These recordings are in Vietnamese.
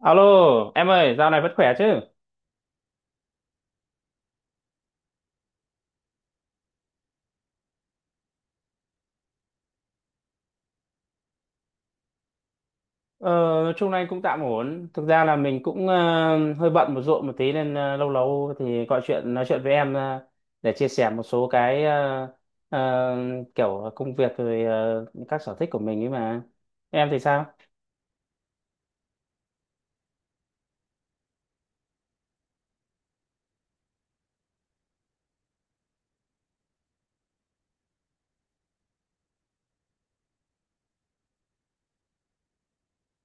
Alo, em ơi, dạo này vẫn khỏe chứ? Ờ, nói chung này cũng tạm ổn. Thực ra là mình cũng hơi bận một ruộng một tí nên lâu lâu thì gọi chuyện nói chuyện với em để chia sẻ một số cái ờ, kiểu công việc rồi các sở thích của mình ấy mà. Em thì sao?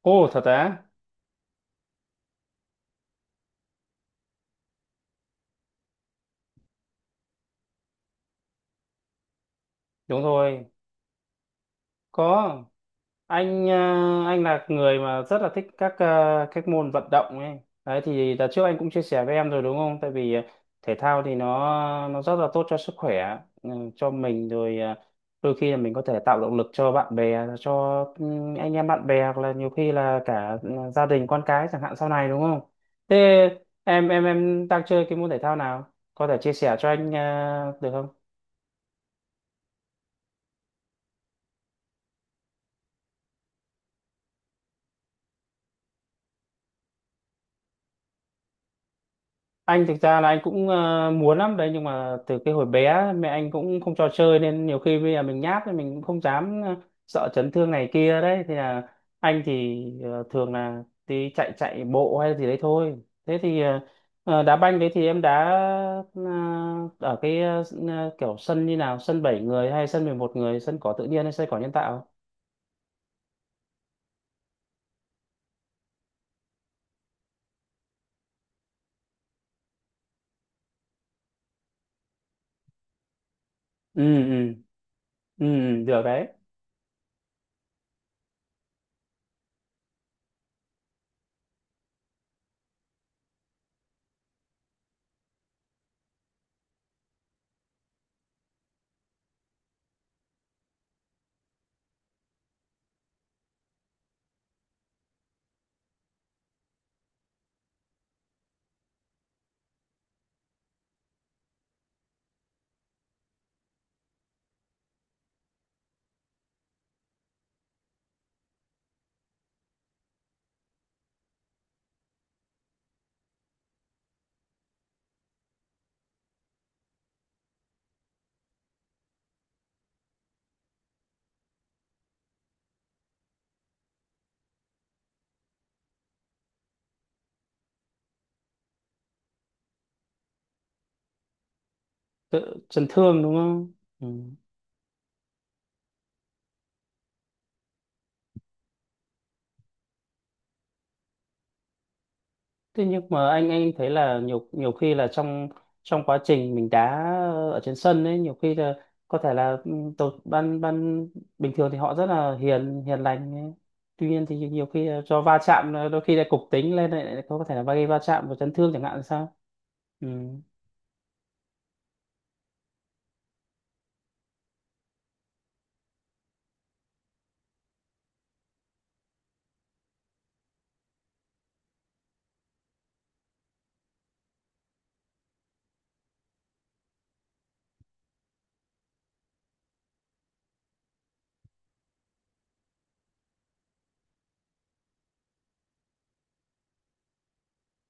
Ồ, thật á? Đúng rồi, có. Anh anh là người mà rất là thích các các môn vận động ấy đấy. Thì đợt trước anh cũng chia sẻ với em rồi đúng không, tại vì thể thao thì nó rất là tốt cho sức khỏe, ừ, cho mình rồi. Ờ, Đôi khi là mình có thể tạo động lực cho bạn bè, cho ừ, anh em bạn bè, hoặc là nhiều khi là cả ừ, gia đình con cái chẳng hạn sau này, đúng không? Thế em đang chơi cái môn thể thao nào, có thể chia sẻ cho anh được không? Anh thực ra là anh cũng muốn lắm đấy, nhưng mà từ cái hồi bé mẹ anh cũng không cho chơi, nên nhiều khi bây giờ mình nhát thì mình cũng không dám, sợ chấn thương này kia. Đấy thì là anh thì thường là đi chạy chạy bộ hay gì đấy thôi. Thế thì đá banh đấy thì em đá ờ, ở cái kiểu sân như nào, sân 7 người hay sân mười một người, sân cỏ tự nhiên hay sân cỏ nhân tạo? Ừ, được đấy. Tự chấn thương đúng không? Ừ. Thế nhưng mà anh thấy là nhiều nhiều khi là trong trong quá trình mình đá ở trên sân ấy, nhiều khi là có thể là ừ, tổ ban ban bình thường thì họ rất là hiền hiền lành ấy. Tuy nhiên thì nhiều khi là do va chạm, là đôi khi là cục tính lên, lại lại có thể là gây va chạm và chấn thương chẳng hạn sao. Ừ.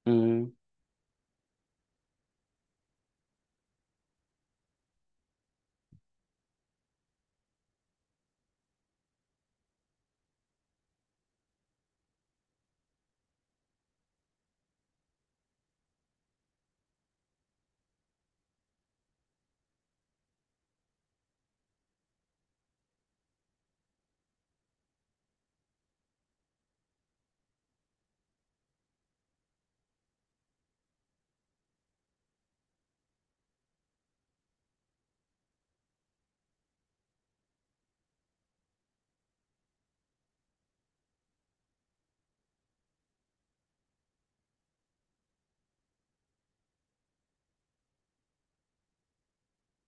Ừ.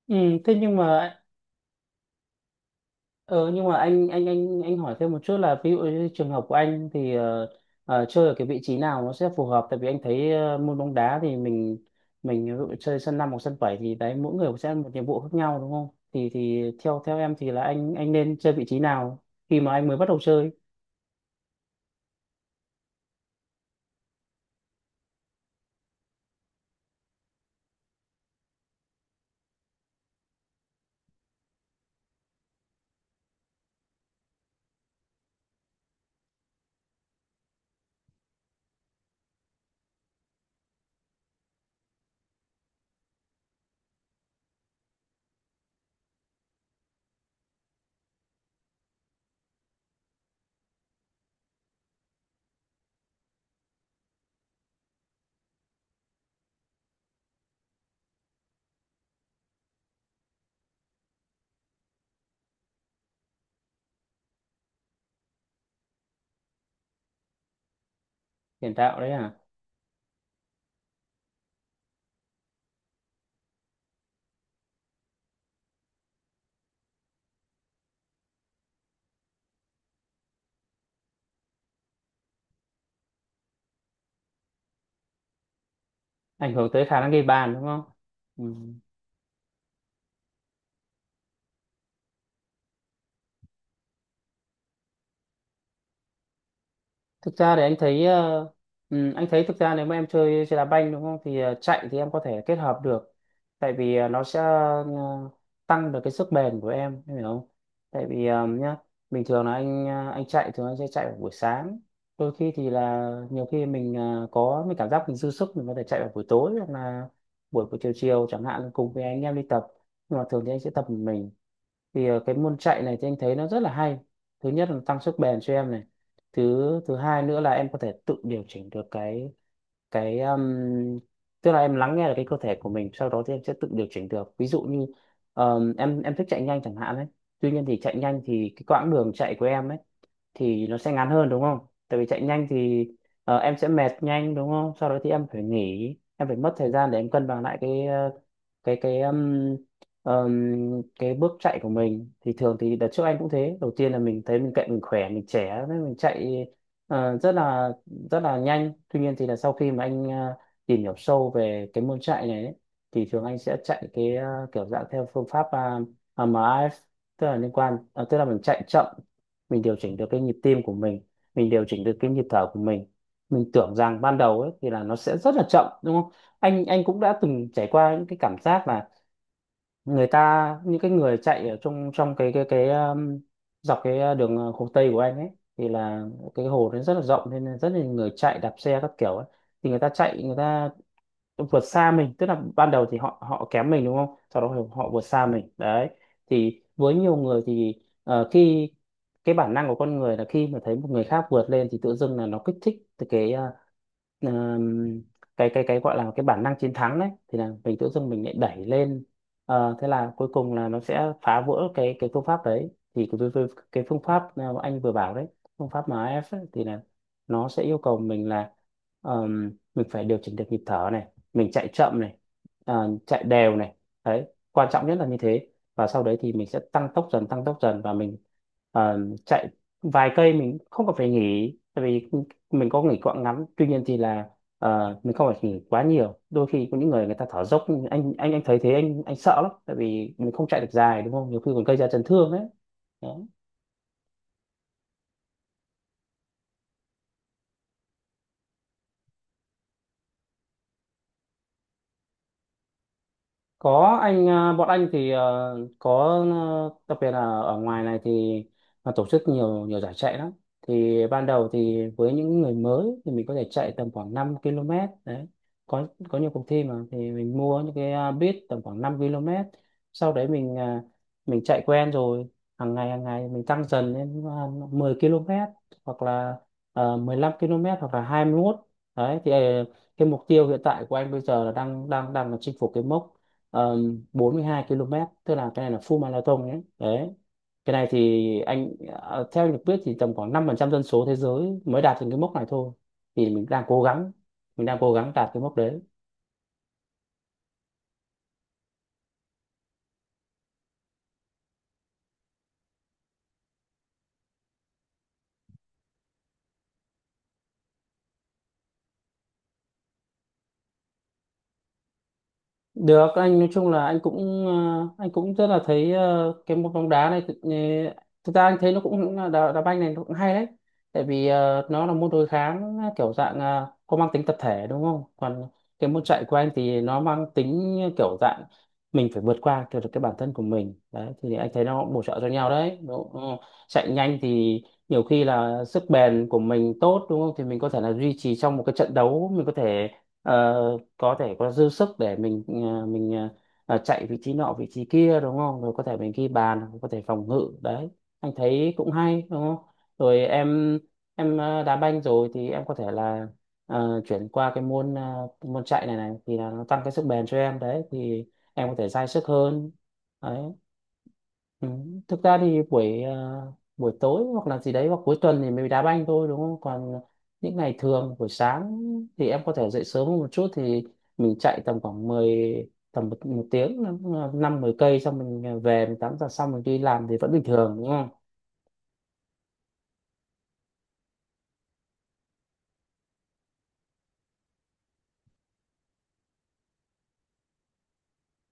Ừ. Thế nhưng mà Ờ, nhưng mà anh hỏi thêm một chút là ví dụ như trường hợp của anh thì chơi ở cái vị trí nào nó sẽ phù hợp? Tại vì anh thấy môn bóng đá thì mình ví dụ chơi sân 5 hoặc sân 7 thì đấy, mỗi người sẽ một nhiệm vụ khác nhau đúng không? Thì theo theo em thì là anh nên chơi vị trí nào khi mà anh mới bắt đầu chơi? Tiền đạo đấy à? Ảnh hưởng tới khả năng ghi bàn đúng không? Ừ. Thực ra thì anh thấy anh thấy thực ra nếu mà em chơi chơi đá banh đúng không, thì chạy thì em có thể kết hợp được, tại vì nó sẽ tăng được cái sức bền của em hiểu không? Tại vì nhá, bình thường là anh anh chạy thường anh sẽ chạy vào buổi sáng, đôi khi thì là nhiều khi mình có mình cảm giác mình dư sức mình có thể chạy vào buổi tối hoặc là buổi buổi chiều chiều chẳng hạn cùng với anh em đi tập. Nhưng mà thường thì anh sẽ tập một mình. Thì cái môn chạy này thì anh thấy nó rất là hay. Thứ nhất là tăng sức bền cho em này, thứ thứ hai nữa là em có thể tự điều chỉnh được cái cái um, tức là em lắng nghe được cái cơ thể của mình, sau đó thì em sẽ tự điều chỉnh được. Ví dụ như em thích chạy nhanh chẳng hạn ấy, tuy nhiên thì chạy nhanh thì cái quãng đường chạy của em ấy thì nó sẽ ngắn hơn đúng không? Tại vì chạy nhanh thì em sẽ mệt nhanh đúng không? Sau đó thì em phải nghỉ, em phải mất thời gian để em cân bằng lại cái cái cái um, um, cái bước chạy của mình. Thì thường thì đợt trước anh cũng thế, đầu tiên là mình thấy mình chạy mình khỏe, mình trẻ nên mình chạy ờ, rất là rất là nhanh. Tuy nhiên thì là sau khi mà anh tìm hiểu sâu về cái môn chạy này ấy, thì thường anh sẽ chạy cái kiểu dạng theo phương pháp uh, MRF, tức là liên quan tức là mình chạy chậm, mình điều chỉnh được cái nhịp tim của mình điều chỉnh được cái nhịp thở của mình. Mình tưởng rằng ban đầu ấy thì là nó sẽ rất là chậm đúng không. Anh cũng đã từng trải qua những cái cảm giác là người ta, những cái người chạy ở trong trong cái dọc cái đường Hồ Tây của anh ấy, thì là cái hồ nó rất là rộng nên là rất là nhiều người chạy đạp xe các kiểu ấy. Thì người ta chạy, người ta vượt xa mình, tức là ban đầu thì họ họ kém mình đúng không, sau đó thì họ vượt xa mình đấy. Thì với nhiều người thì khi cái bản năng của con người là khi mà thấy một người khác vượt lên thì tự dưng là nó kích thích từ cái ờm, cái gọi là cái bản năng chiến thắng đấy, thì là mình tự dưng mình lại đẩy lên. Ờ, thế là cuối cùng là nó sẽ phá vỡ cái phương pháp đấy. Thì cái phương pháp mà anh vừa bảo đấy, phương pháp MAF ấy, thì là nó sẽ yêu cầu mình là mình phải điều chỉnh được nhịp thở này, mình chạy chậm này, à, chạy đều này, đấy, quan trọng nhất là như thế. Và sau đấy thì mình sẽ tăng tốc dần, tăng tốc dần và mình à, chạy vài cây mình không cần phải nghỉ, tại vì mình có nghỉ quãng ngắn, tuy nhiên thì là à, mình không phải nghỉ quá nhiều. Đôi khi có những người, người ta thở dốc, anh thấy thế anh sợ lắm, tại vì mình không chạy được dài đúng không, nhiều khi còn gây ra chấn thương đấy. Có, anh à, bọn anh thì à, có, à, đặc biệt là ở ngoài này thì nó tổ chức nhiều nhiều giải chạy lắm. Thì ban đầu thì với những người mới thì mình có thể chạy tầm khoảng 5 km. Đấy, có nhiều cuộc thi mà thì mình mua những cái à, bit tầm khoảng 5 km, sau đấy mình à, mình chạy quen rồi, hàng ngày mình tăng dần lên à, 10 km hoặc là 15 km hoặc là 21. Đấy thì à, cái mục tiêu hiện tại của anh bây giờ là đang đang đang là chinh phục cái mốc 42 km, tức là cái này là full marathon nhé. Đấy, cái này thì anh à, theo anh được biết thì tầm khoảng 5% dân số thế giới mới đạt được cái mốc này thôi. Thì mình đang cố gắng, mình đang cố gắng đạt cái mốc đấy. Được, anh nói chung là anh cũng anh cũng rất là thấy cái môn bóng đá này thực, thực ra anh thấy nó cũng cũng là đá, đá banh này nó cũng hay đấy. Tại vì nó là môn đối kháng kiểu dạng có mang tính tập thể đúng không, còn cái môn chạy của anh thì nó mang tính kiểu dạng mình phải vượt qua kiểu được cái bản thân của mình đấy, thì anh thấy nó cũng bổ trợ cho nhau đấy đúng không? Chạy nhanh thì nhiều khi là sức bền của mình tốt đúng không, thì mình có thể là duy trì trong một cái trận đấu, mình có thể ờ, có thể có dư sức để mình chạy vị trí nọ vị trí kia đúng không, rồi có thể mình ghi bàn hoặc có thể phòng ngự đấy. Anh thấy cũng hay đúng không? Rồi em đá banh rồi thì em có thể là chuyển qua cái môn môn chạy này, này thì là nó tăng cái sức bền cho em đấy, thì em có thể dai sức hơn đấy. Ừ. Thực ra thì buổi à, buổi tối hoặc là gì đấy hoặc cuối tuần thì mình đá banh thôi đúng không? Còn những ngày thường buổi sáng thì em có thể dậy sớm hơn một chút, thì mình chạy tầm khoảng mười, tầm một tiếng, năm 10 cây xong mình về mình tắm giặt xong mình đi làm thì vẫn bình thường đúng.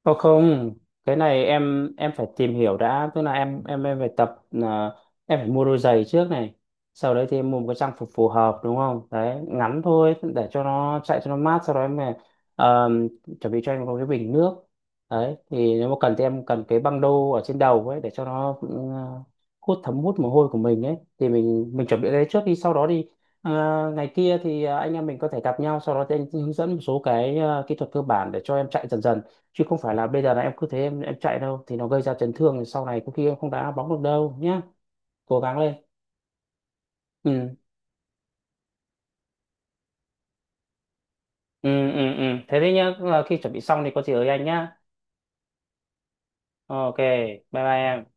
Không không, cái này em phải tìm hiểu đã, tức là em phải tập à, em phải mua đôi giày trước này. Sau đấy thì em mua một cái trang phục phù hợp đúng không? Đấy, ngắn thôi để cho nó chạy cho nó mát, sau đó em phải, ờ, chuẩn bị cho em có cái bình nước. Đấy, thì nếu mà cần thì em cần cái băng đô ở trên đầu ấy để cho nó ừ, thấm hút mồ hôi của mình ấy, thì mình chuẩn bị cái đấy trước đi. Sau đó đi, Ờ, ngày kia thì anh em mình có thể gặp nhau, sau đó thì anh hướng dẫn một số cái kỹ thuật cơ bản để cho em chạy dần dần, chứ không phải là bây giờ là em cứ thế em chạy đâu, thì nó gây ra chấn thương sau này có khi em không đá bóng được đâu nhá. Cố gắng lên. ừ ừ. Thế thế nhá, khi chuẩn bị xong thì có gì ở anh nhá. Ok, bye bye em.